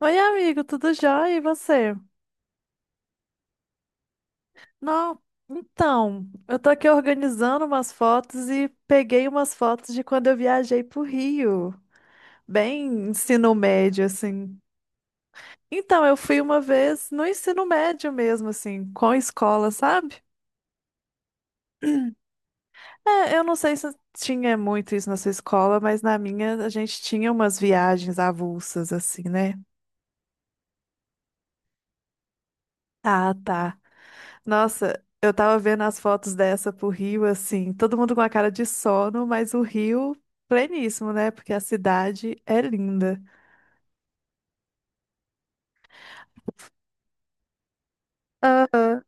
Oi, amigo, tudo jóia? E você? Não, então, eu tô aqui organizando umas fotos e peguei umas fotos de quando eu viajei pro Rio, bem ensino médio, assim. Então, eu fui uma vez no ensino médio mesmo, assim, com a escola, sabe? É, eu não sei se tinha muito isso na sua escola, mas na minha a gente tinha umas viagens avulsas, assim, né? Ah, tá. Nossa, eu tava vendo as fotos dessa pro Rio, assim, todo mundo com a cara de sono, mas o Rio pleníssimo, né? Porque a cidade é linda. Aham.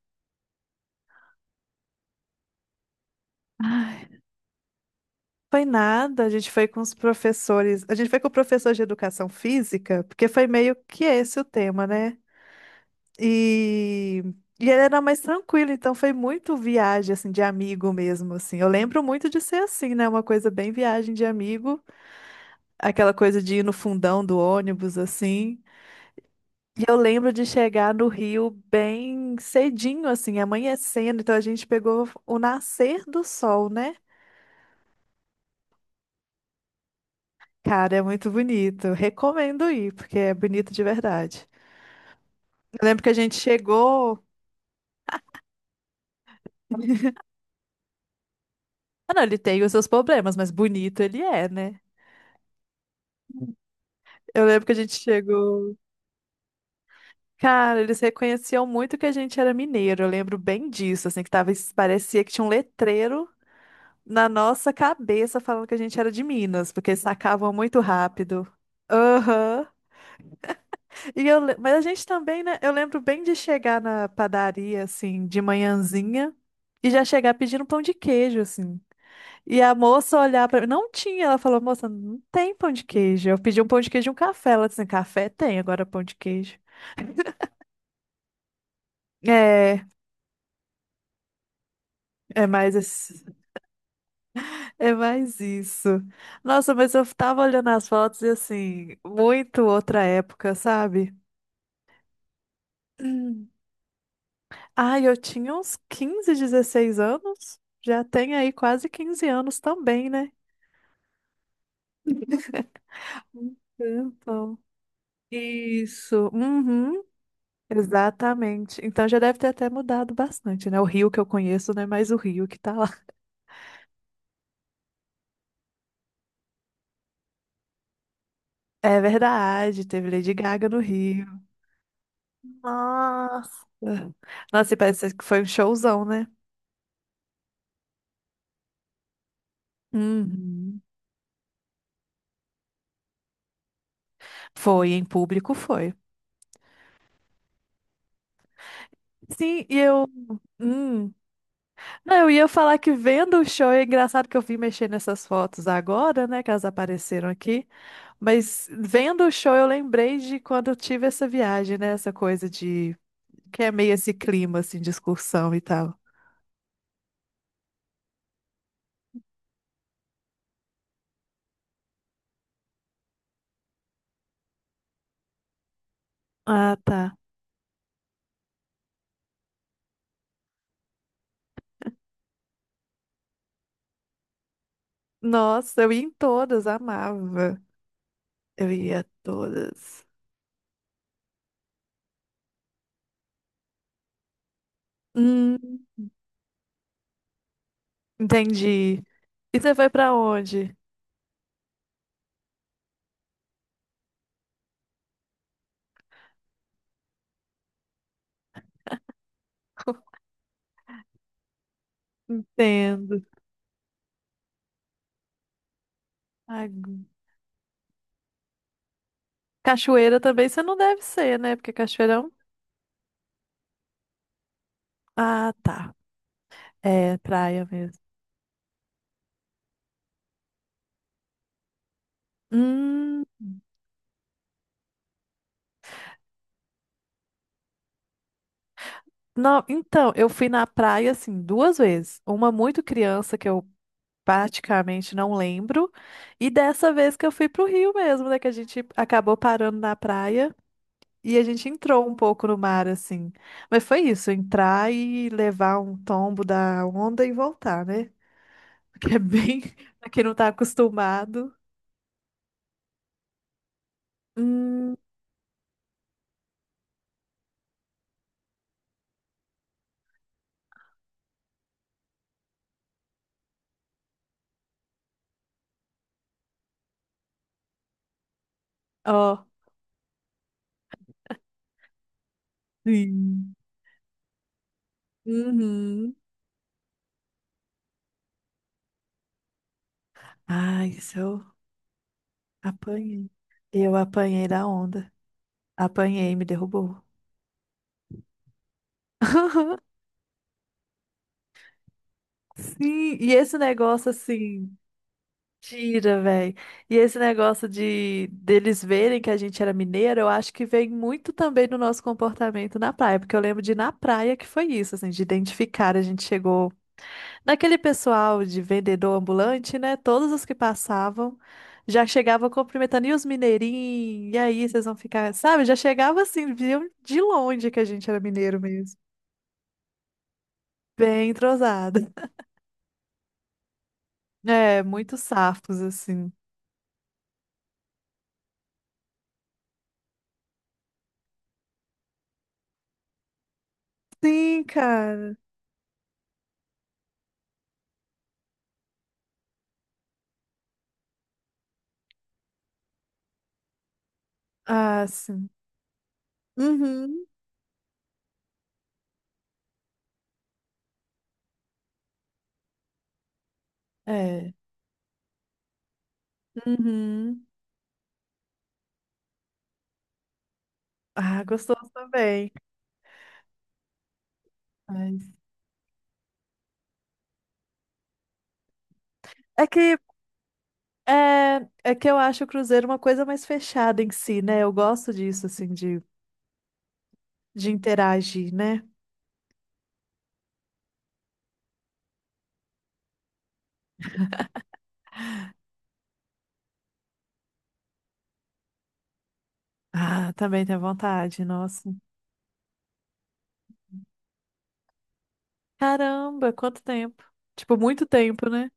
Foi nada, a gente foi com os professores, a gente foi com o professor de educação física, porque foi meio que esse o tema, né? E, e ele era mais tranquilo, então foi muito viagem, assim, de amigo mesmo, assim. Eu lembro muito de ser assim, né? Uma coisa bem viagem de amigo, aquela coisa de ir no fundão do ônibus, assim. E eu lembro de chegar no Rio bem cedinho, assim, amanhecendo. Então a gente pegou o nascer do sol, né? Cara, é muito bonito. Recomendo ir, porque é bonito de verdade. Eu lembro que a gente chegou. Ah, não, ele tem os seus problemas, mas bonito ele é, né? Eu lembro que a gente chegou. Cara, eles reconheciam muito que a gente era mineiro. Eu lembro bem disso, assim, que tava, parecia que tinha um letreiro na nossa cabeça falando que a gente era de Minas, porque sacavam muito rápido. Aham. Mas a gente também, né? Eu lembro bem de chegar na padaria, assim, de manhãzinha, e já chegar pedindo pão de queijo, assim. E a moça olhar pra mim, não tinha. Ela falou, moça, não tem pão de queijo. Eu pedi um pão de queijo e um café. Ela disse, assim, café tem, agora pão de queijo. É, é mais, é mais isso. Nossa, mas eu tava olhando as fotos e, assim, muito outra época, sabe? Ai, eu tinha uns 15, 16 anos. Já tem aí quase 15 anos também, né? Um tempão. Isso. Uhum. Exatamente. Então já deve ter até mudado bastante, né? O Rio que eu conheço não é mais o Rio que tá lá. É verdade, teve Lady Gaga no Rio. Nossa. Nossa, e parece que foi um showzão, né? Uhum. Foi, em público foi. Sim, e eu. hum, Não, eu ia falar que vendo o show, é engraçado que eu vim mexer nessas fotos agora, né, que elas apareceram aqui, mas vendo o show eu lembrei de quando eu tive essa viagem, né, essa coisa de, que é meio esse clima, assim, de excursão e tal. Ah, tá. Nossa, eu ia em todas, amava. Eu ia a todas. Hum, entendi. E você foi pra onde? Entendo. Ai, cachoeira também você não deve ser, né, porque cachoeirão... Ah, tá. É, praia mesmo. Hum, não, então, eu fui na praia assim duas vezes. Uma muito criança que eu praticamente não lembro, e dessa vez que eu fui pro Rio mesmo, né, que a gente acabou parando na praia e a gente entrou um pouco no mar assim. Mas foi isso, entrar e levar um tombo da onda e voltar, né? Que é bem pra quem não tá acostumado. Hum, ó, sim. Uhum. Ai, isso eu apanhei. Eu apanhei da onda. Apanhei, me derrubou. Sim, e esse negócio assim, tira, velho. E esse negócio de deles verem que a gente era mineiro, eu acho que vem muito também do nosso comportamento na praia, porque eu lembro de ir na praia que foi isso, assim, de identificar, a gente chegou naquele pessoal de vendedor ambulante, né? Todos os que passavam já chegavam cumprimentando, e os mineirinhos, e aí vocês vão ficar, sabe? Já chegava assim, viam de longe que a gente era mineiro mesmo. Bem entrosado. É, muitos safos, assim. Sim, cara. Ah, sim. Uhum. É. Uhum. Ah, gostoso também. Mas... É que é que eu acho o Cruzeiro uma coisa mais fechada em si, né? Eu gosto disso, assim, de interagir, né? Ah, também tenho vontade, nossa. Caramba, quanto tempo. Tipo, muito tempo, né?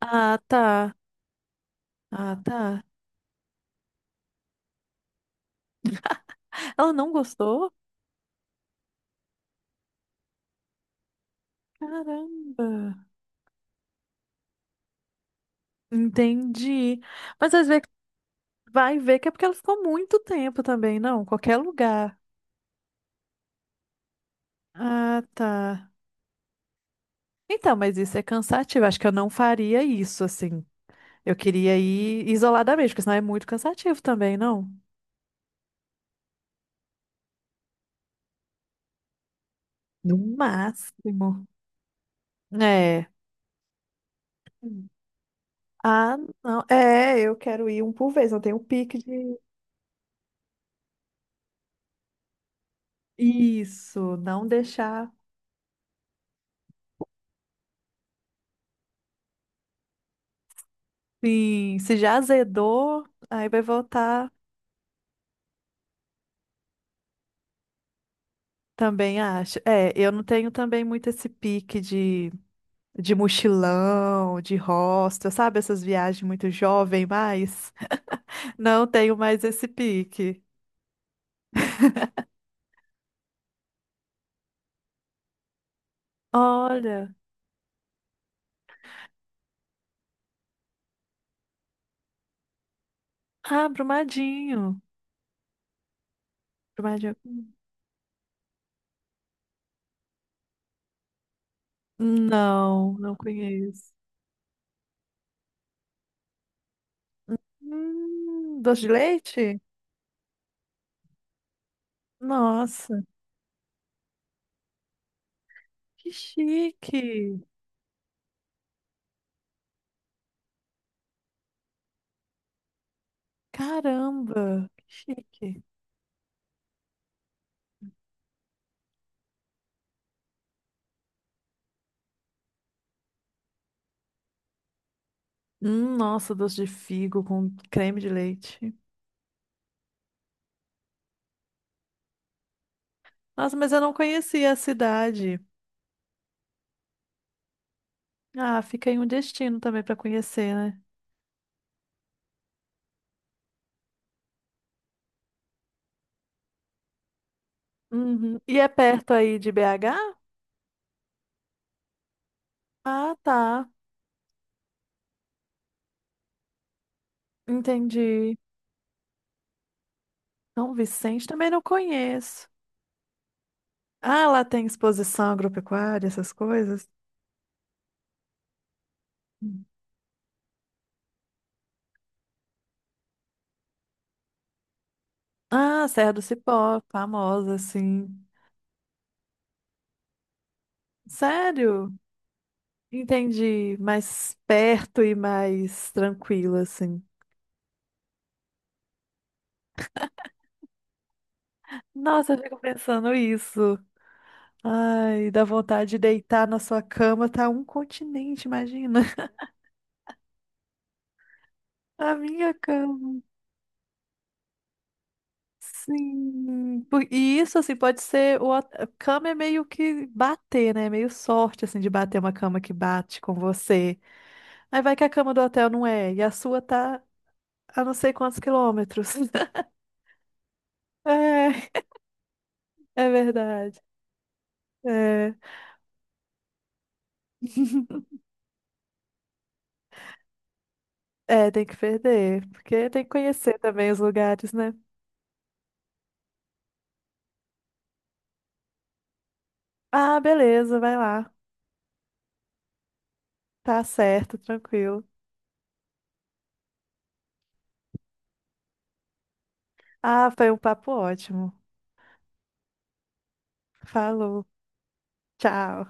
Ah, tá. Ah, tá. Ela não gostou? Caramba. Entendi. Mas às vezes vai ver que é porque ela ficou muito tempo também, não? Qualquer lugar. Ah, tá. Então, mas isso é cansativo. Acho que eu não faria isso, assim. Eu queria ir isoladamente, porque senão é muito cansativo também, não? No máximo. É. Ah, não. É, eu quero ir um por vez. Eu tenho um pique de. Isso, não deixar. Sim, se já azedou, aí vai voltar. Também acho. É, eu não tenho também muito esse pique de. Mochilão, de hostel, sabe? Essas viagens muito jovem, mas não tenho mais esse pique. Olha, ah, Brumadinho. Brumadinho. Não, não conheço. Doce de leite? Nossa, que chique! Caramba, que chique. Nossa, doce de figo com creme de leite. Nossa, mas eu não conhecia a cidade. Ah, fica aí um destino também para conhecer, né? Uhum. E é perto aí de BH? Ah, tá. Entendi. São Vicente também não conheço. Ah, lá tem exposição agropecuária, essas coisas. Hum. Ah, Serra do Cipó, famosa, assim. Sério? Entendi. Mais perto e mais tranquilo, assim. Nossa, eu fico pensando isso. Ai, dá vontade de deitar na sua cama, tá um continente, imagina. A minha cama. Sim. E isso, assim, pode ser. A cama é meio que bater, né? Meio sorte, assim, de bater uma cama que bate com você. Aí vai que a cama do hotel não é, e a sua tá a não sei quantos quilômetros. É, é verdade. É. É, tem que perder, porque tem que conhecer também os lugares, né? Ah, beleza, vai lá. Tá certo, tranquilo. Ah, foi um papo ótimo. Falou. Tchau.